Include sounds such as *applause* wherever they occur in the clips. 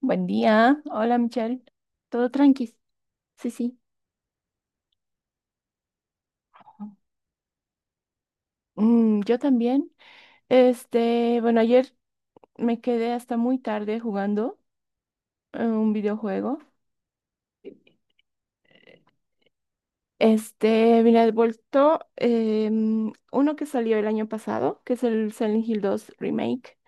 Buen día. Hola, Michelle. Todo tranqui. Sí, sí. Mm, yo también. Este, bueno, ayer me quedé hasta muy tarde jugando un videojuego. Este, mira, he vuelto uno que salió el año pasado, que es el Silent Hill 2 Remake,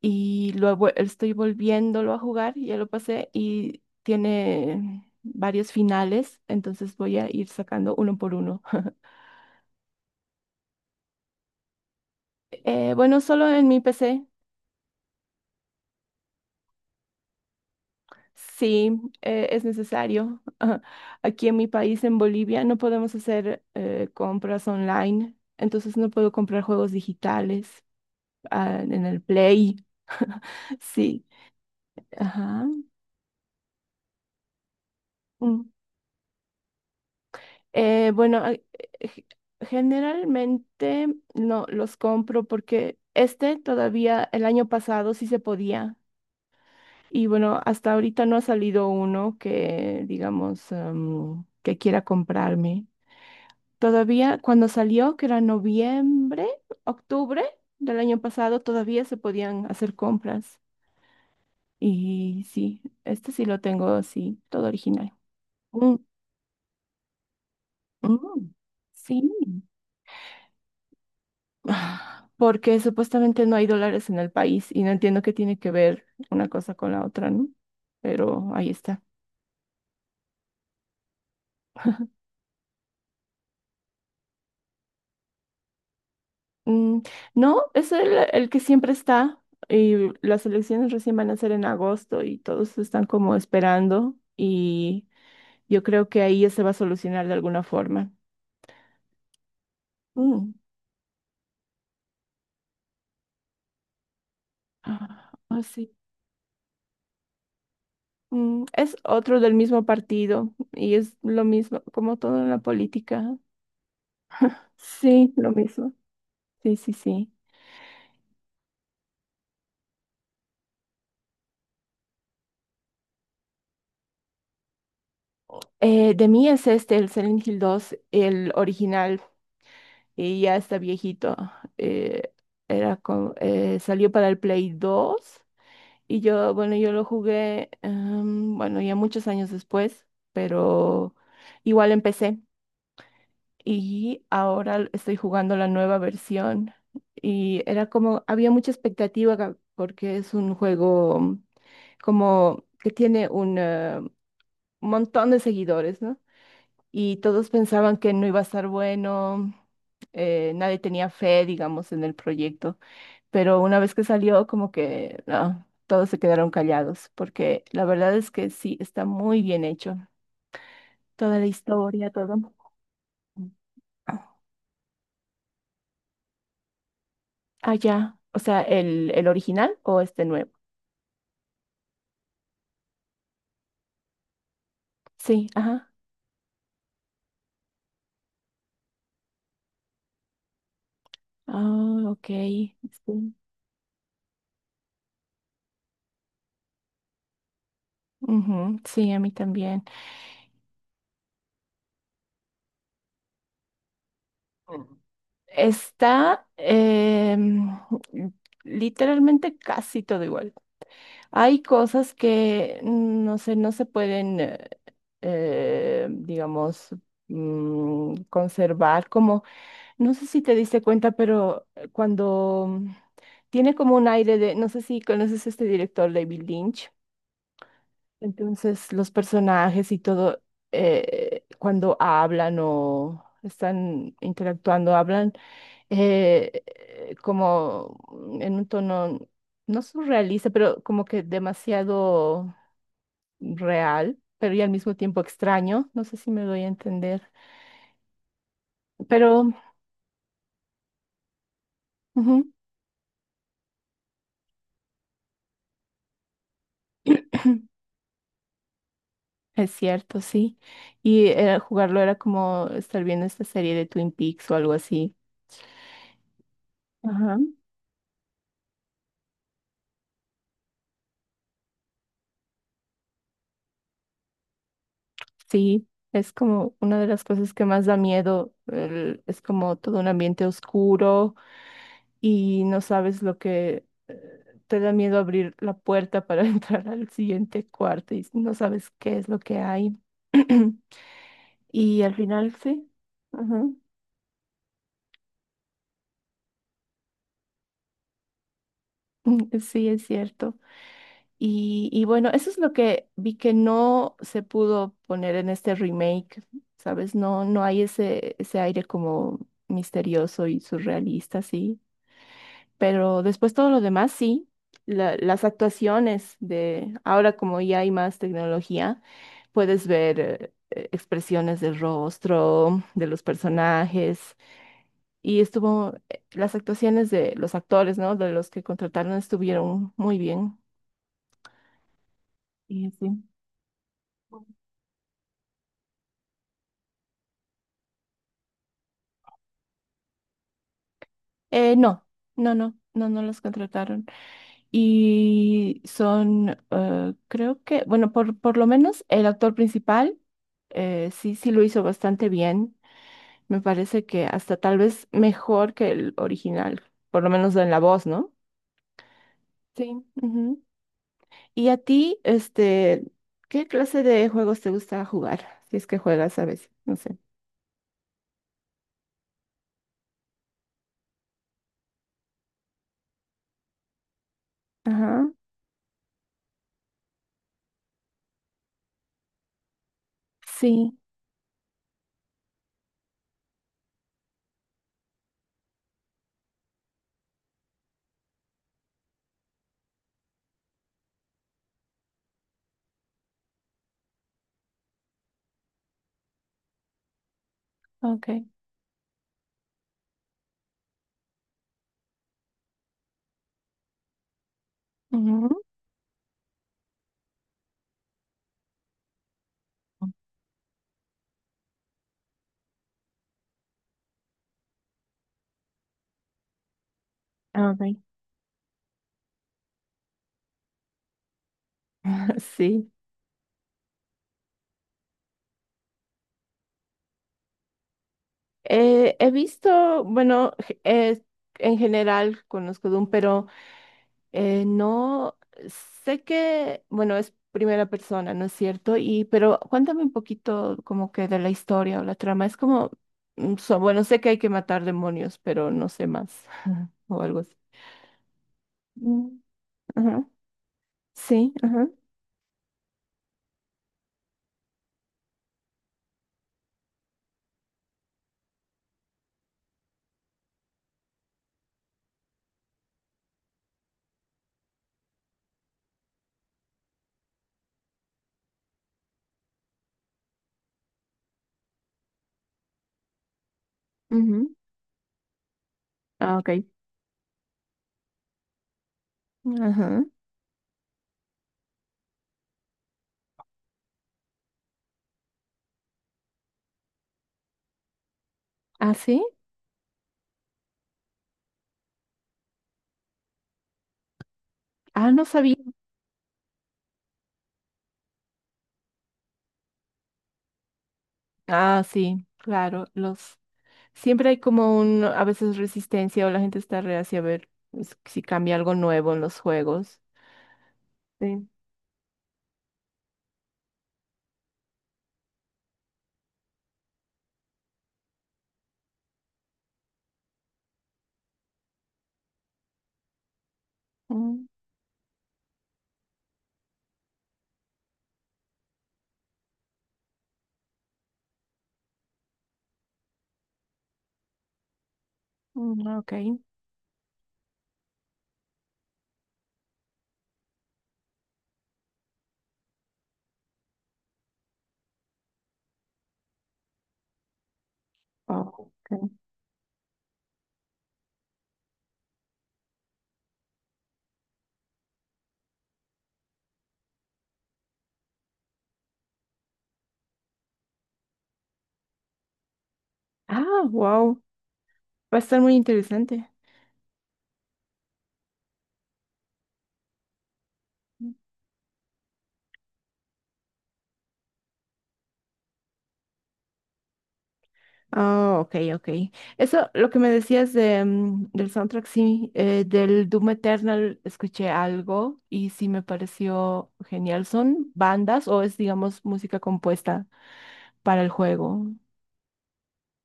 y estoy volviéndolo a jugar, ya lo pasé y tiene varios finales, entonces voy a ir sacando uno por uno. *laughs* Bueno, solo en mi PC. Sí, es necesario. *laughs* Aquí en mi país, en Bolivia, no podemos hacer compras online, entonces no puedo comprar juegos digitales, ah, en el Play. *laughs* Sí, ajá. Mm. Bueno, generalmente no los compro porque este todavía el año pasado sí se podía. Y bueno, hasta ahorita no ha salido uno que, digamos, que quiera comprarme. Todavía cuando salió, que era noviembre, octubre del año pasado, todavía se podían hacer compras. Y sí, este sí lo tengo, sí, todo original. Mm, mm, sí. Ah, porque supuestamente no hay dólares en el país y no entiendo qué tiene que ver una cosa con la otra, ¿no? Pero ahí está. Mm, no, es el que siempre está, y las elecciones recién van a ser en agosto y todos están como esperando y... Yo creo que ahí ya se va a solucionar de alguna forma. Mm. Ah, ah, sí. Mm, es otro del mismo partido y es lo mismo, como todo en la política. Sí, lo mismo. Sí, sí, sí. De mí es este, el Silent Hill 2 el original, y ya está viejito. Eh, Salió para el Play 2 y yo, bueno, yo lo jugué, bueno, ya muchos años después, pero igual empecé. Y ahora estoy jugando la nueva versión, y era como, había mucha expectativa porque es un juego como que tiene un montón de seguidores, ¿no? Y todos pensaban que no iba a estar bueno, nadie tenía fe, digamos, en el proyecto, pero una vez que salió, como que no, todos se quedaron callados porque la verdad es que sí, está muy bien hecho, toda la historia, todo. Ah, ya. O sea, el original o este nuevo. Sí, ajá. Ah, ok. Sí. Ujú, sí, a mí también. Mm. Está literalmente casi todo igual. Hay cosas que, mm, no sé, no se pueden, digamos, mm, conservar como... No sé si te diste cuenta, pero cuando mm, tiene como un aire de, no sé si conoces a este director, David Lynch. Entonces, los personajes y todo, cuando hablan o están interactuando, hablan como en un tono no surrealista, pero como que demasiado real, pero y al mismo tiempo extraño. No sé si me doy a entender, pero ujú. *clears throat* Es cierto, sí. Y jugarlo era como estar viendo esta serie de Twin Peaks o algo así. Ajá. Sí, es como una de las cosas que más da miedo. Es como todo un ambiente oscuro y no sabes lo que te da miedo abrir la puerta para *laughs* entrar al siguiente cuarto y no sabes qué es lo que hay. *clears throat* Y al final sí. Ajá. *laughs* Mm, sí, es cierto. Y bueno, eso es lo que vi que no se pudo poner en este remake, ¿sabes? No, no hay ese aire como misterioso y surrealista, sí. Pero después todo lo demás, sí. Las actuaciones de ahora, como ya hay más tecnología, puedes ver expresiones del rostro, de los personajes. Y estuvo, las actuaciones de los actores, ¿no? De los que contrataron estuvieron muy bien. Y sí. No, no los contrataron. Y son, creo que, bueno, por lo menos el actor principal, sí, sí lo hizo bastante bien. Me parece que hasta tal vez mejor que el original, por lo menos en la voz, ¿no? Sí. Ujú. Y a ti, este, ¿qué clase de juegos te gusta jugar? Si es que juegas a veces, no sé. Ajá. Sí, ok. Ujú. Ah, ok. *laughs* Sí. He visto, bueno, en general conozco Doom, pero no sé que, bueno, es primera persona, ¿no es cierto? Y, pero cuéntame un poquito como que de la historia o la trama. Es como, mm, bueno, sé que hay que matar demonios, pero no sé más *laughs* o algo así. Mm, ajá. Sí, ajá. Ujú. Ah, ok. Ajá. Ah, sí. Ah, no sabía. Ah, sí, claro, los... Siempre hay como un, a veces resistencia o la gente está reacia a ver si cambia algo nuevo en los juegos. Sí. Mm, mm, ok. Oh, ok. Ah, wow. Va a estar muy interesante. Ah, ok, ok. Eso, lo que me decías de, mm, del soundtrack, sí, del Doom Eternal escuché algo y sí me pareció genial. ¿Son bandas o es, digamos, música compuesta para el juego?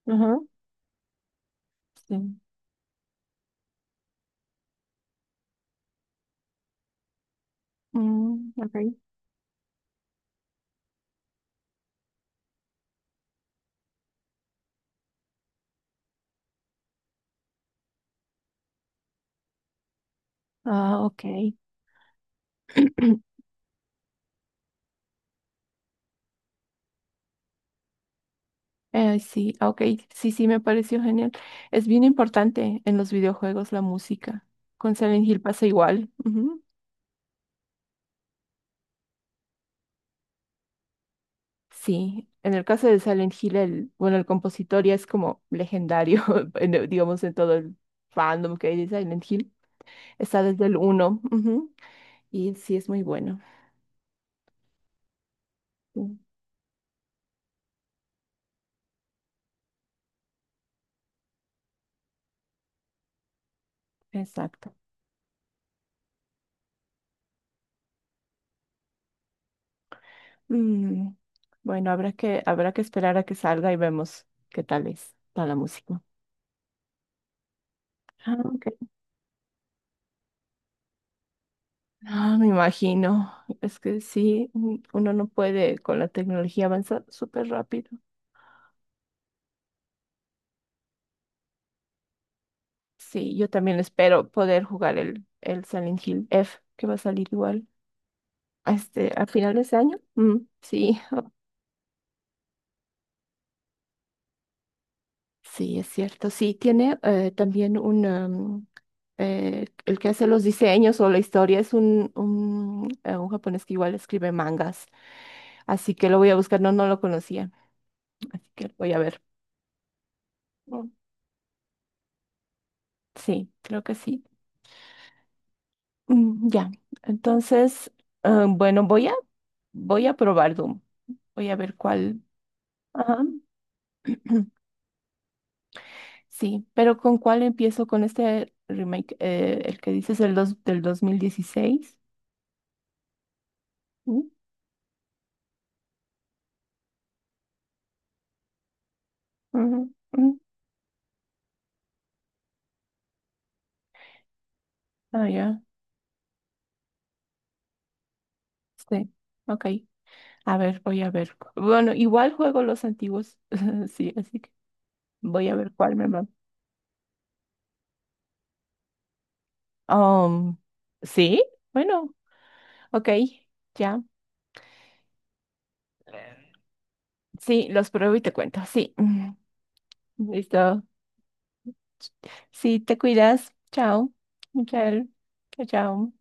Ajá, sí. Mm, ok. Ah, ok. *clears throat* Sí, ah, ok, sí, sí, me pareció genial. Es bien importante en los videojuegos la música. Con Silent Hill pasa igual. Ujú. Sí, en el caso de Silent Hill, el, bueno, el compositor ya es como legendario, *laughs* en digamos, en todo el fandom que hay de Silent Hill. Está desde el uno, ujú. Y sí, es muy bueno. Sí, exacto. Mm, bueno, habrá que esperar a que salga y vemos qué tal es, tal la música. Ah, ok. Ah, me imagino. Es que sí, mm, uno no puede con la tecnología avanzar súper rápido. Sí, yo también espero poder jugar el Silent Hill F, que va a salir igual a este, a finales de año. Mm, sí. *laughs* Sí, es cierto. Sí, tiene también un el que hace los diseños o la historia es un japonés que igual escribe mangas. Así que lo voy a buscar. No, no lo conocía. Así que voy a ver. Mm, sí, creo que sí. Mm, ya, entonces, ah, bueno, voy a probar Doom. Voy a ver cuál. Ajá. *clears throat* Sí, pero ¿con cuál empiezo? ¿Con este remake, el que dices el dos, del 2016? ¿Mm? Ujú, ujú. Ah, ya, sí, ok. A ver, voy a ver. Bueno, igual juego los antiguos, *laughs* sí, así que voy a ver cuál me va. Um, sí, bueno, ok, ya. Sí, los pruebo y te cuento, sí. *laughs* Mm, listo. Sí, te cuidas. Chao. Michael. Chao, chao.